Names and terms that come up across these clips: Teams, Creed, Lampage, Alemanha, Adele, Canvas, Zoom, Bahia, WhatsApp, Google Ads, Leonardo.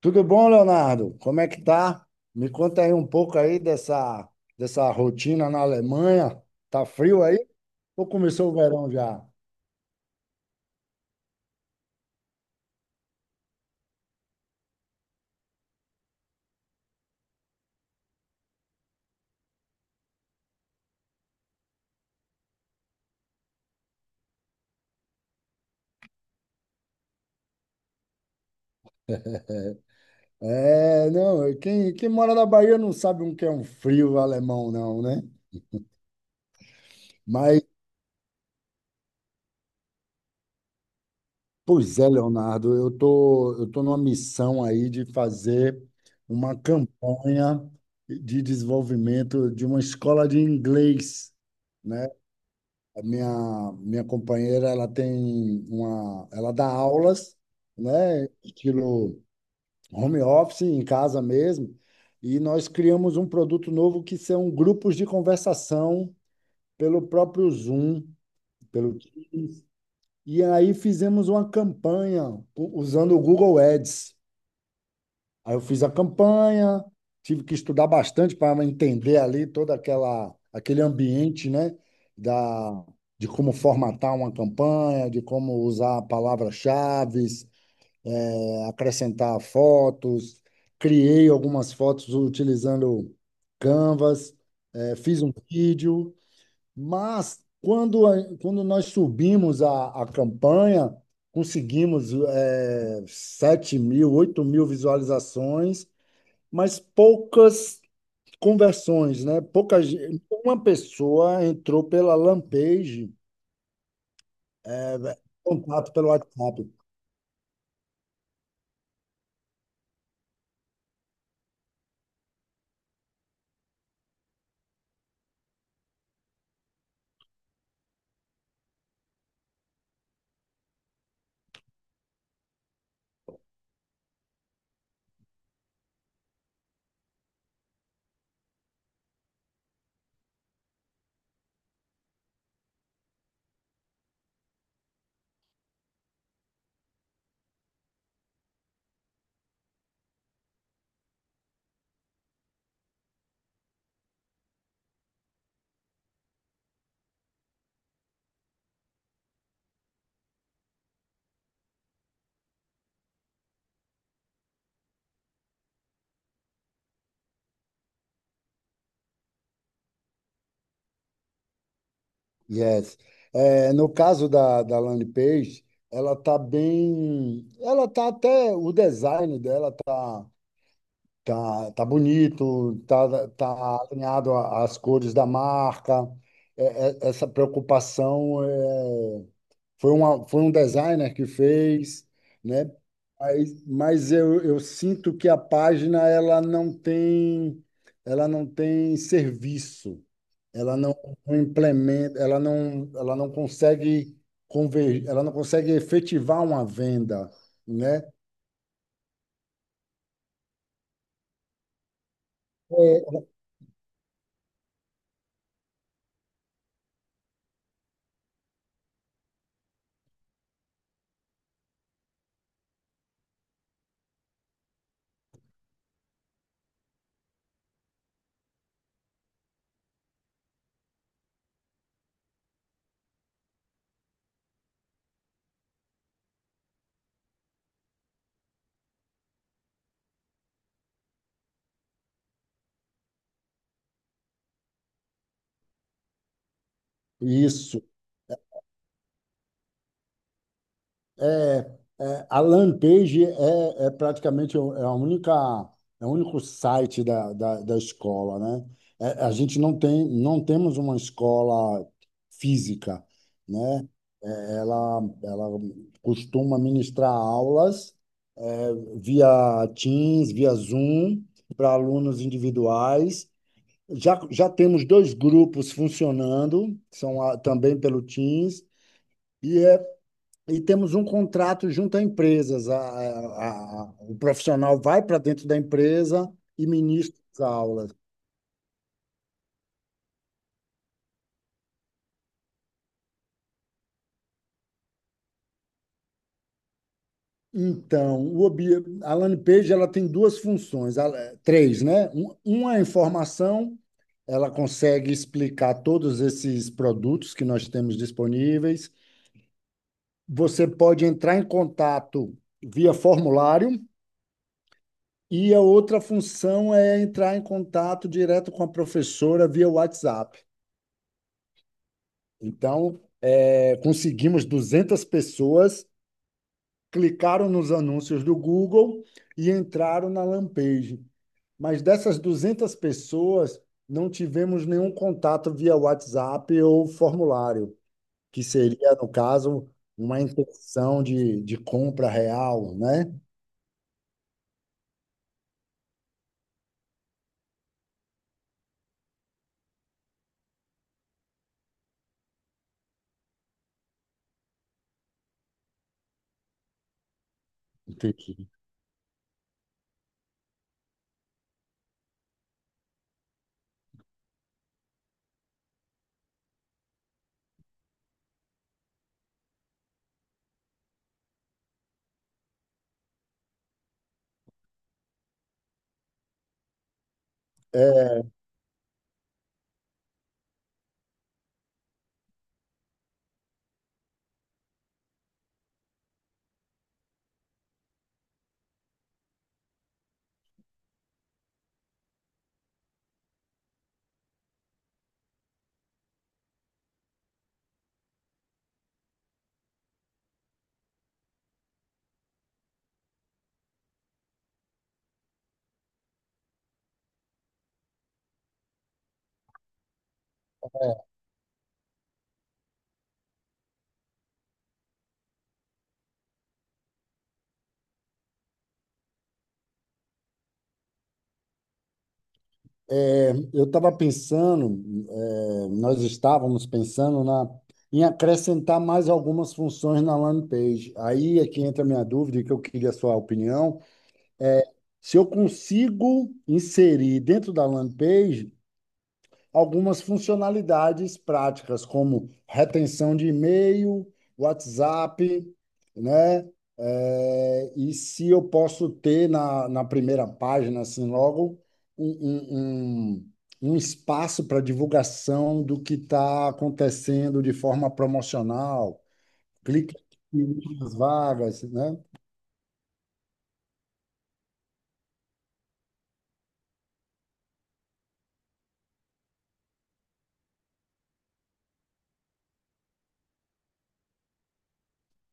Tudo bom, Leonardo? Como é que tá? Me conta aí um pouco aí dessa rotina na Alemanha. Tá frio aí? Ou começou o verão já? É, não, é, quem mora na Bahia não sabe o que é um frio alemão, não, né? Mas, pois é, Leonardo, eu tô numa missão aí de fazer uma campanha de desenvolvimento de uma escola de inglês, né? A minha companheira, ela dá aulas, né, estilo home office, em casa mesmo, e nós criamos um produto novo que são grupos de conversação pelo próprio Zoom, pelo Teams, e aí fizemos uma campanha usando o Google Ads. Aí eu fiz a campanha, tive que estudar bastante para entender ali toda aquela aquele ambiente, né, da de como formatar uma campanha, de como usar palavras-chave, acrescentar fotos. Criei algumas fotos utilizando Canvas, fiz um vídeo, mas quando nós subimos a campanha, conseguimos 7 mil, 8 mil visualizações, mas poucas conversões, né? Uma pessoa entrou pela Lampage, é, contato pelo WhatsApp. Yes. É, no caso da landing page, ela tá até, o design dela tá bonito, tá alinhado às cores da marca. É, é, essa preocupação é. Foi um designer que fez, né? Mas eu sinto que a página ela não tem serviço. Ela não implementa, ela não consegue efetivar uma venda, né? É. Isso. É, a Lampage é, é praticamente é o único site da escola, né? É, a gente não temos uma escola física, né? É, ela costuma ministrar aulas via Teams, via Zoom, para alunos individuais. Já temos dois grupos funcionando, são também pelo Teams, e e temos um contrato junto a empresas. O profissional vai para dentro da empresa e ministra as aulas. Então, a landing page ela tem duas funções, três, né? Uma é informação, ela consegue explicar todos esses produtos que nós temos disponíveis. Você pode entrar em contato via formulário. E a outra função é entrar em contato direto com a professora via WhatsApp. Então, é, conseguimos 200 pessoas, clicaram nos anúncios do Google e entraram na Lampage. Mas dessas 200 pessoas, não tivemos nenhum contato via WhatsApp ou formulário, que seria, no caso, uma intenção de compra real, né? Entendi. É, É, nós estávamos pensando em acrescentar mais algumas funções na landing page. Aí é que entra a minha dúvida e que eu queria a sua opinião. Se eu consigo inserir dentro da landing page algumas funcionalidades práticas, como retenção de e-mail, WhatsApp, né? É, e se eu posso ter na primeira página, assim, logo, um, um, um, um espaço para divulgação do que está acontecendo de forma promocional. Clique aqui nas vagas, né?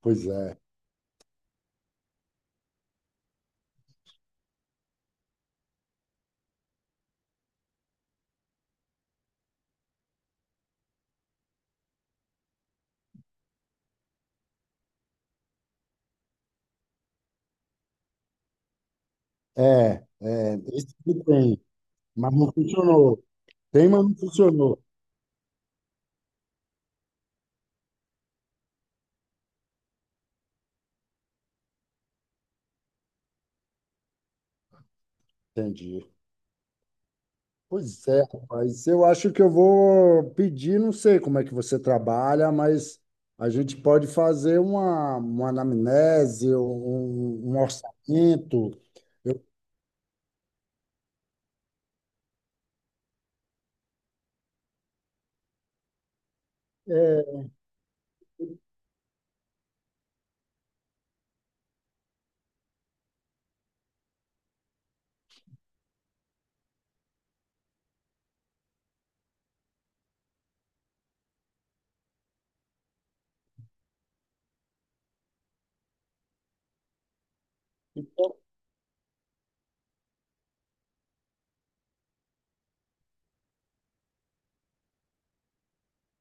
Pois é. É, isso que tem, mas não funcionou. Tem, mas não funcionou. Entendi. Pois é, rapaz. Eu acho que eu vou pedir, não sei como é que você trabalha, mas a gente pode fazer uma anamnese, um orçamento. Eu- é,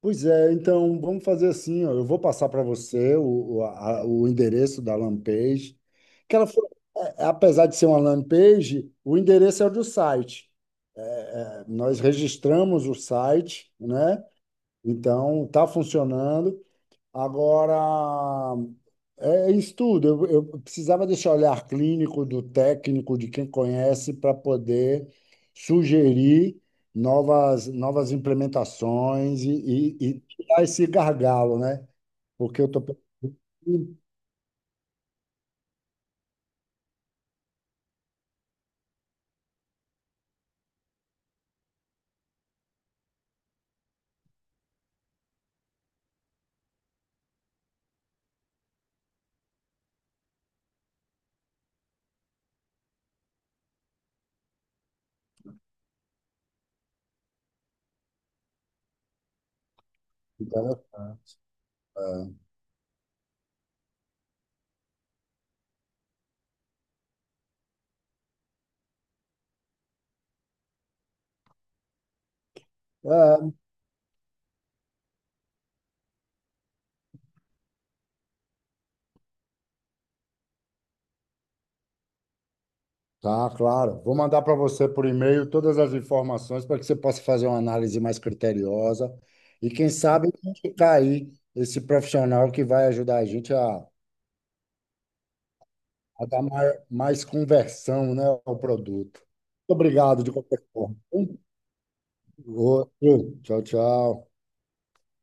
Pois é, então vamos fazer assim, ó, eu vou passar para você o endereço da Lampage, que ela foi, apesar de ser uma Lampage, o endereço é o do site. É, nós registramos o site, né? Então, está funcionando. Agora, é isso tudo. Eu precisava desse olhar clínico do técnico, de quem conhece, para poder sugerir novas implementações e tirar esse gargalo, né? Porque eu estou. É, tá, claro. Vou mandar para você por e-mail todas as informações para que você possa fazer uma análise mais criteriosa e, quem sabe, indicar aí esse profissional que vai ajudar a gente a dar mais conversão, né, ao produto. Muito obrigado de qualquer forma. Um, outro. Tchau, tchau.